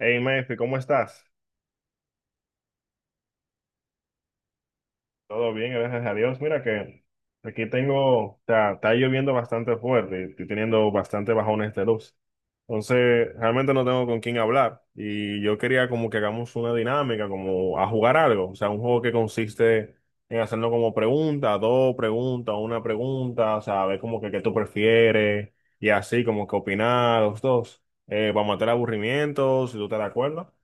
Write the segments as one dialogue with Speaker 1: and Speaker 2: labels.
Speaker 1: Hey, Mefi, ¿cómo estás? Todo bien, gracias a Dios. Mira que aquí tengo, o sea, está lloviendo bastante fuerte, estoy teniendo bastante bajones de luz. Entonces, realmente no tengo con quién hablar y yo quería como que hagamos una dinámica, como a jugar algo, o sea, un juego que consiste en hacernos como preguntas, dos preguntas, una pregunta, o sea, ver como que qué tú prefieres y así como que opinar los dos, para matar aburrimientos, si tú estás de acuerdo.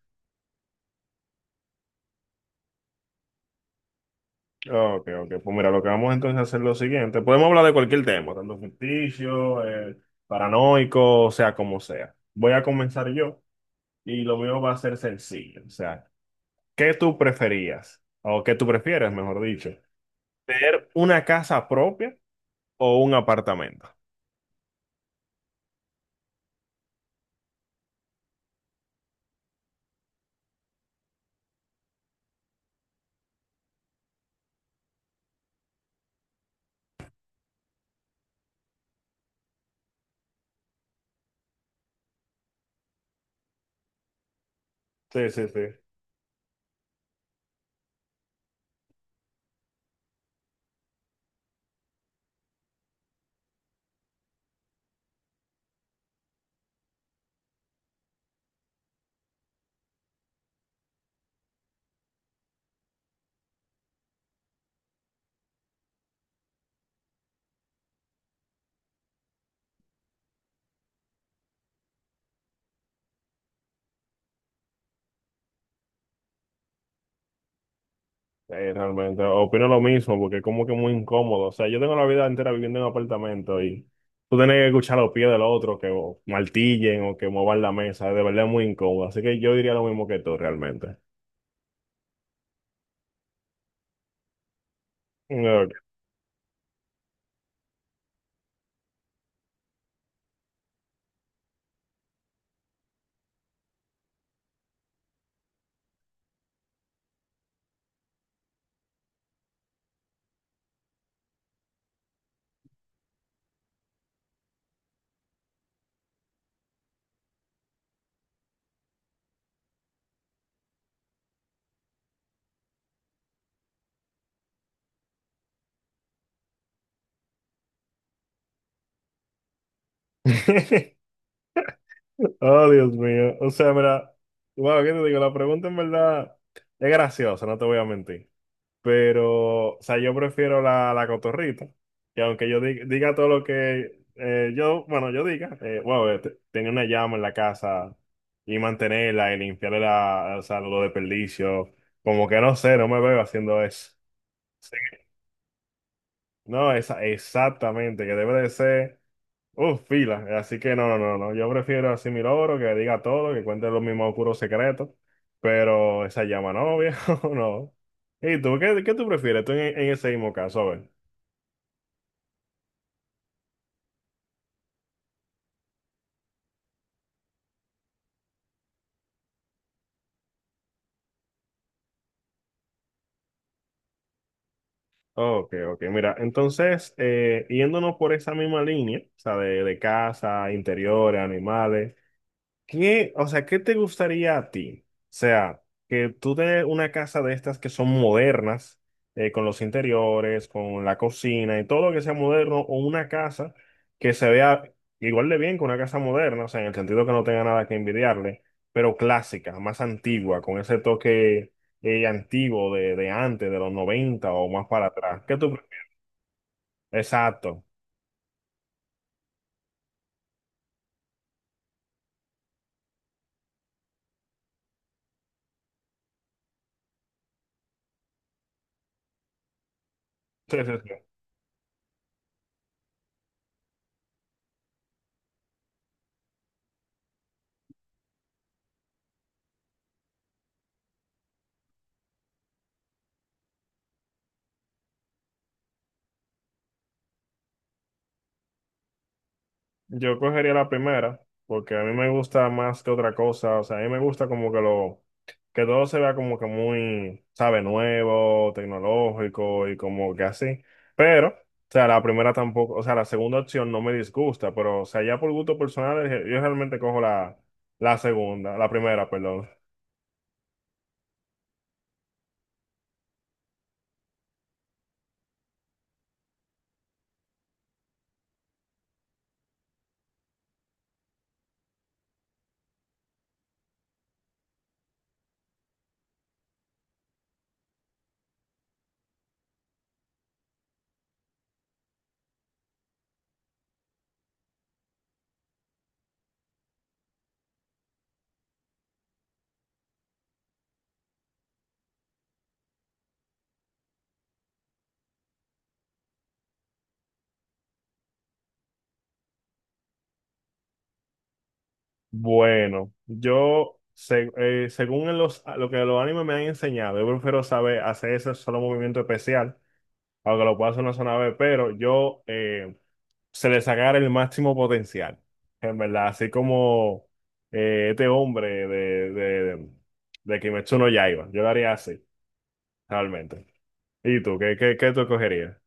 Speaker 1: Ok, ok. Pues mira, lo que vamos entonces a hacer es lo siguiente. Podemos hablar de cualquier tema, tanto ficticio, paranoico, o sea, como sea. Voy a comenzar yo y lo mío va a ser sencillo. O sea, ¿qué tú preferías? O qué tú prefieres, mejor dicho. ¿Tener una casa propia o un apartamento? Sí, sí, sí. Sí, realmente, opino lo mismo porque es como que muy incómodo. O sea, yo tengo la vida entera viviendo en un apartamento y tú tienes que escuchar los pies del otro que o, martillen o que muevan la mesa. De verdad es muy incómodo. Así que yo diría lo mismo que tú realmente. Ok. Oh, Dios mío. O sea, mira, bueno, ¿qué te digo? La pregunta en verdad es graciosa, no te voy a mentir. Pero, o sea, yo prefiero la cotorrita. Que aunque yo diga todo lo que yo, bueno, yo diga, bueno, tenía una llama en la casa y mantenerla y limpiarle la, o sea, los desperdicios. Como que no sé, no me veo haciendo eso. Sí. No, esa, exactamente, que debe de ser. Uf, fila. Así que no, no, no, no. Yo prefiero así mi logro, que diga todo, que cuente los mismos puros secretos. Pero esa llama no, viejo, no. ¿Y tú? ¿Qué, qué tú prefieres? Tú en ese mismo caso, a ver. Ok, ok. Mira, entonces, yéndonos por esa misma línea, o sea, de casa, interiores, animales. ¿Qué, o sea, qué te gustaría a ti? O sea, que tú de una casa de estas que son modernas, con los interiores, con la cocina y todo lo que sea moderno, o una casa que se vea igual de bien que una casa moderna, o sea, en el sentido que no tenga nada que envidiarle, pero clásica, más antigua, con ese toque antiguo de antes, de los 90 o más para atrás. ¿Qué tú prefieres? Exacto. Sí, sí, sí. Yo cogería la primera, porque a mí me gusta más que otra cosa. O sea, a mí me gusta como que que todo se vea como que muy, sabe, nuevo, tecnológico y como que así. Pero, o sea, la primera tampoco, o sea, la segunda opción no me disgusta, pero, o sea, ya por gusto personal, yo realmente cojo la segunda, la primera, perdón. Bueno, yo, según en los, lo que los animes me han enseñado, yo prefiero saber hacer ese solo movimiento especial aunque lo pueda hacer una zona B, pero yo se le sacara el máximo potencial, en verdad, así como este hombre de Kimetsu no Yaiba, yo lo haría así, realmente. ¿Y tú, qué tú escogerías?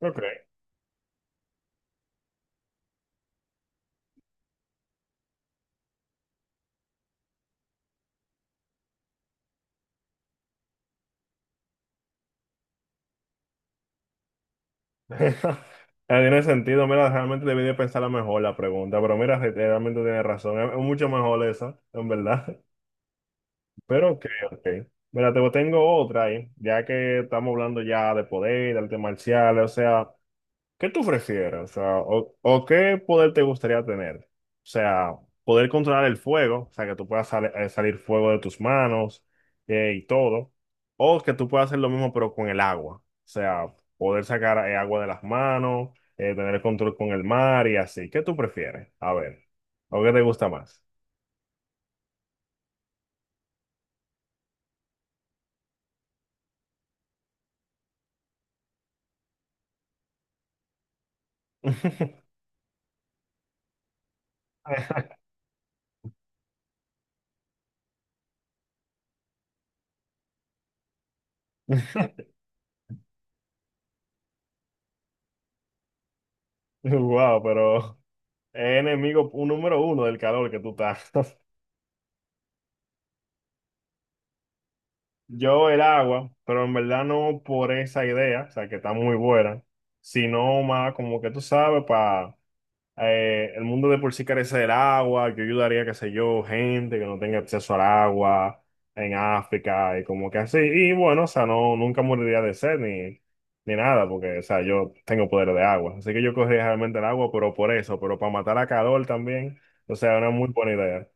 Speaker 1: Ok. No tiene sentido, mira, realmente debí de pensarla mejor la pregunta, pero mira, realmente tienes razón, es mucho mejor esa, en verdad. Pero ok, ok. Mira, te tengo otra ahí, ya que estamos hablando ya de poder, de artes marciales, o sea. ¿Qué tú prefieres? O sea, o qué poder te gustaría tener? O sea, poder controlar el fuego, o sea, que tú puedas salir fuego de tus manos y todo. O que tú puedas hacer lo mismo pero con el agua. O sea, poder sacar agua de las manos, tener el control con el mar y así. ¿Qué tú prefieres? A ver, ¿o qué te gusta más? Wow, pero es enemigo número uno del calor que tú estás. Yo el agua, pero en verdad no por esa idea, o sea, que está muy buena, sino más como que tú sabes, para el mundo de por sí carece del agua, yo ayudaría, qué sé yo, gente que no tenga acceso al agua en África y como que así. Y bueno, o sea, no, nunca moriría de sed ni, ni nada, porque, o sea, yo tengo poder de agua. Así que yo cogería realmente el agua, pero por eso, pero para matar a calor también, o sea, una muy buena idea.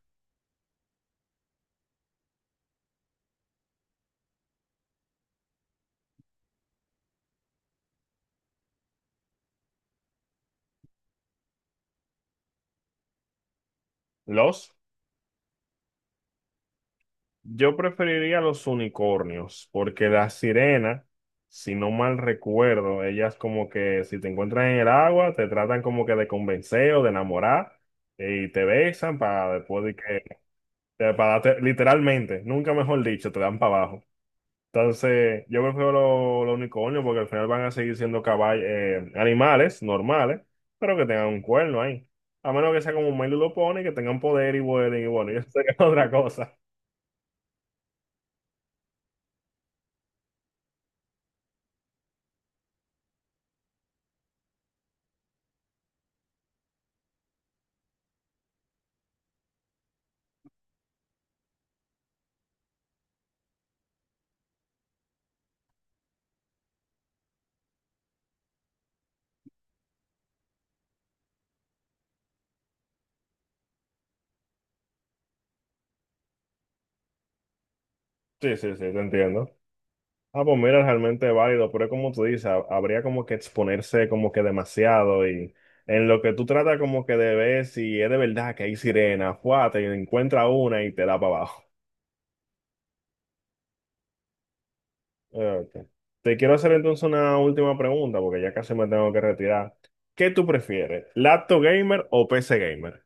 Speaker 1: ¿Los? Yo preferiría los unicornios, porque las sirenas, si no mal recuerdo, ellas como que si te encuentran en el agua, te tratan como que de convencer o de enamorar y te besan para después de que, literalmente, nunca mejor dicho, te dan para abajo. Entonces, yo prefiero los unicornios porque al final van a seguir siendo caballos, animales normales, pero que tengan un cuerno ahí. A menos que sea como un Milo lo pone, que tengan poder y vuelen y bueno, y eso sería otra cosa. Sí, sí, sí, te entiendo. Ah, pues mira, realmente válido, pero es como tú dices, habría como que exponerse como que demasiado y en lo que tú tratas como que de ver si es de verdad que hay sirena, fuá, te encuentra una y te da para abajo. Ok. Te quiero hacer entonces una última pregunta porque ya casi me tengo que retirar. ¿Qué tú prefieres, laptop gamer o PC gamer?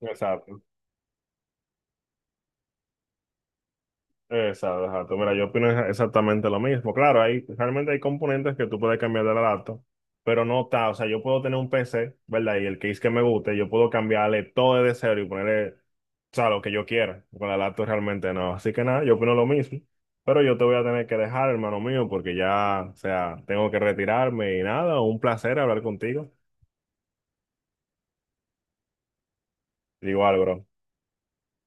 Speaker 1: Exacto. Exacto, exacto. Mira, yo opino exactamente lo mismo. Claro, hay, realmente hay componentes que tú puedes cambiar de la laptop, pero no está. O sea, yo puedo tener un PC, ¿verdad? Y el case que me guste, yo puedo cambiarle todo de cero y ponerle, o sea, lo que yo quiera. Con la laptop realmente no. Así que nada, yo opino lo mismo. Pero yo te voy a tener que dejar, hermano mío, porque ya, o sea, tengo que retirarme y nada, un placer hablar contigo. Igual, bro.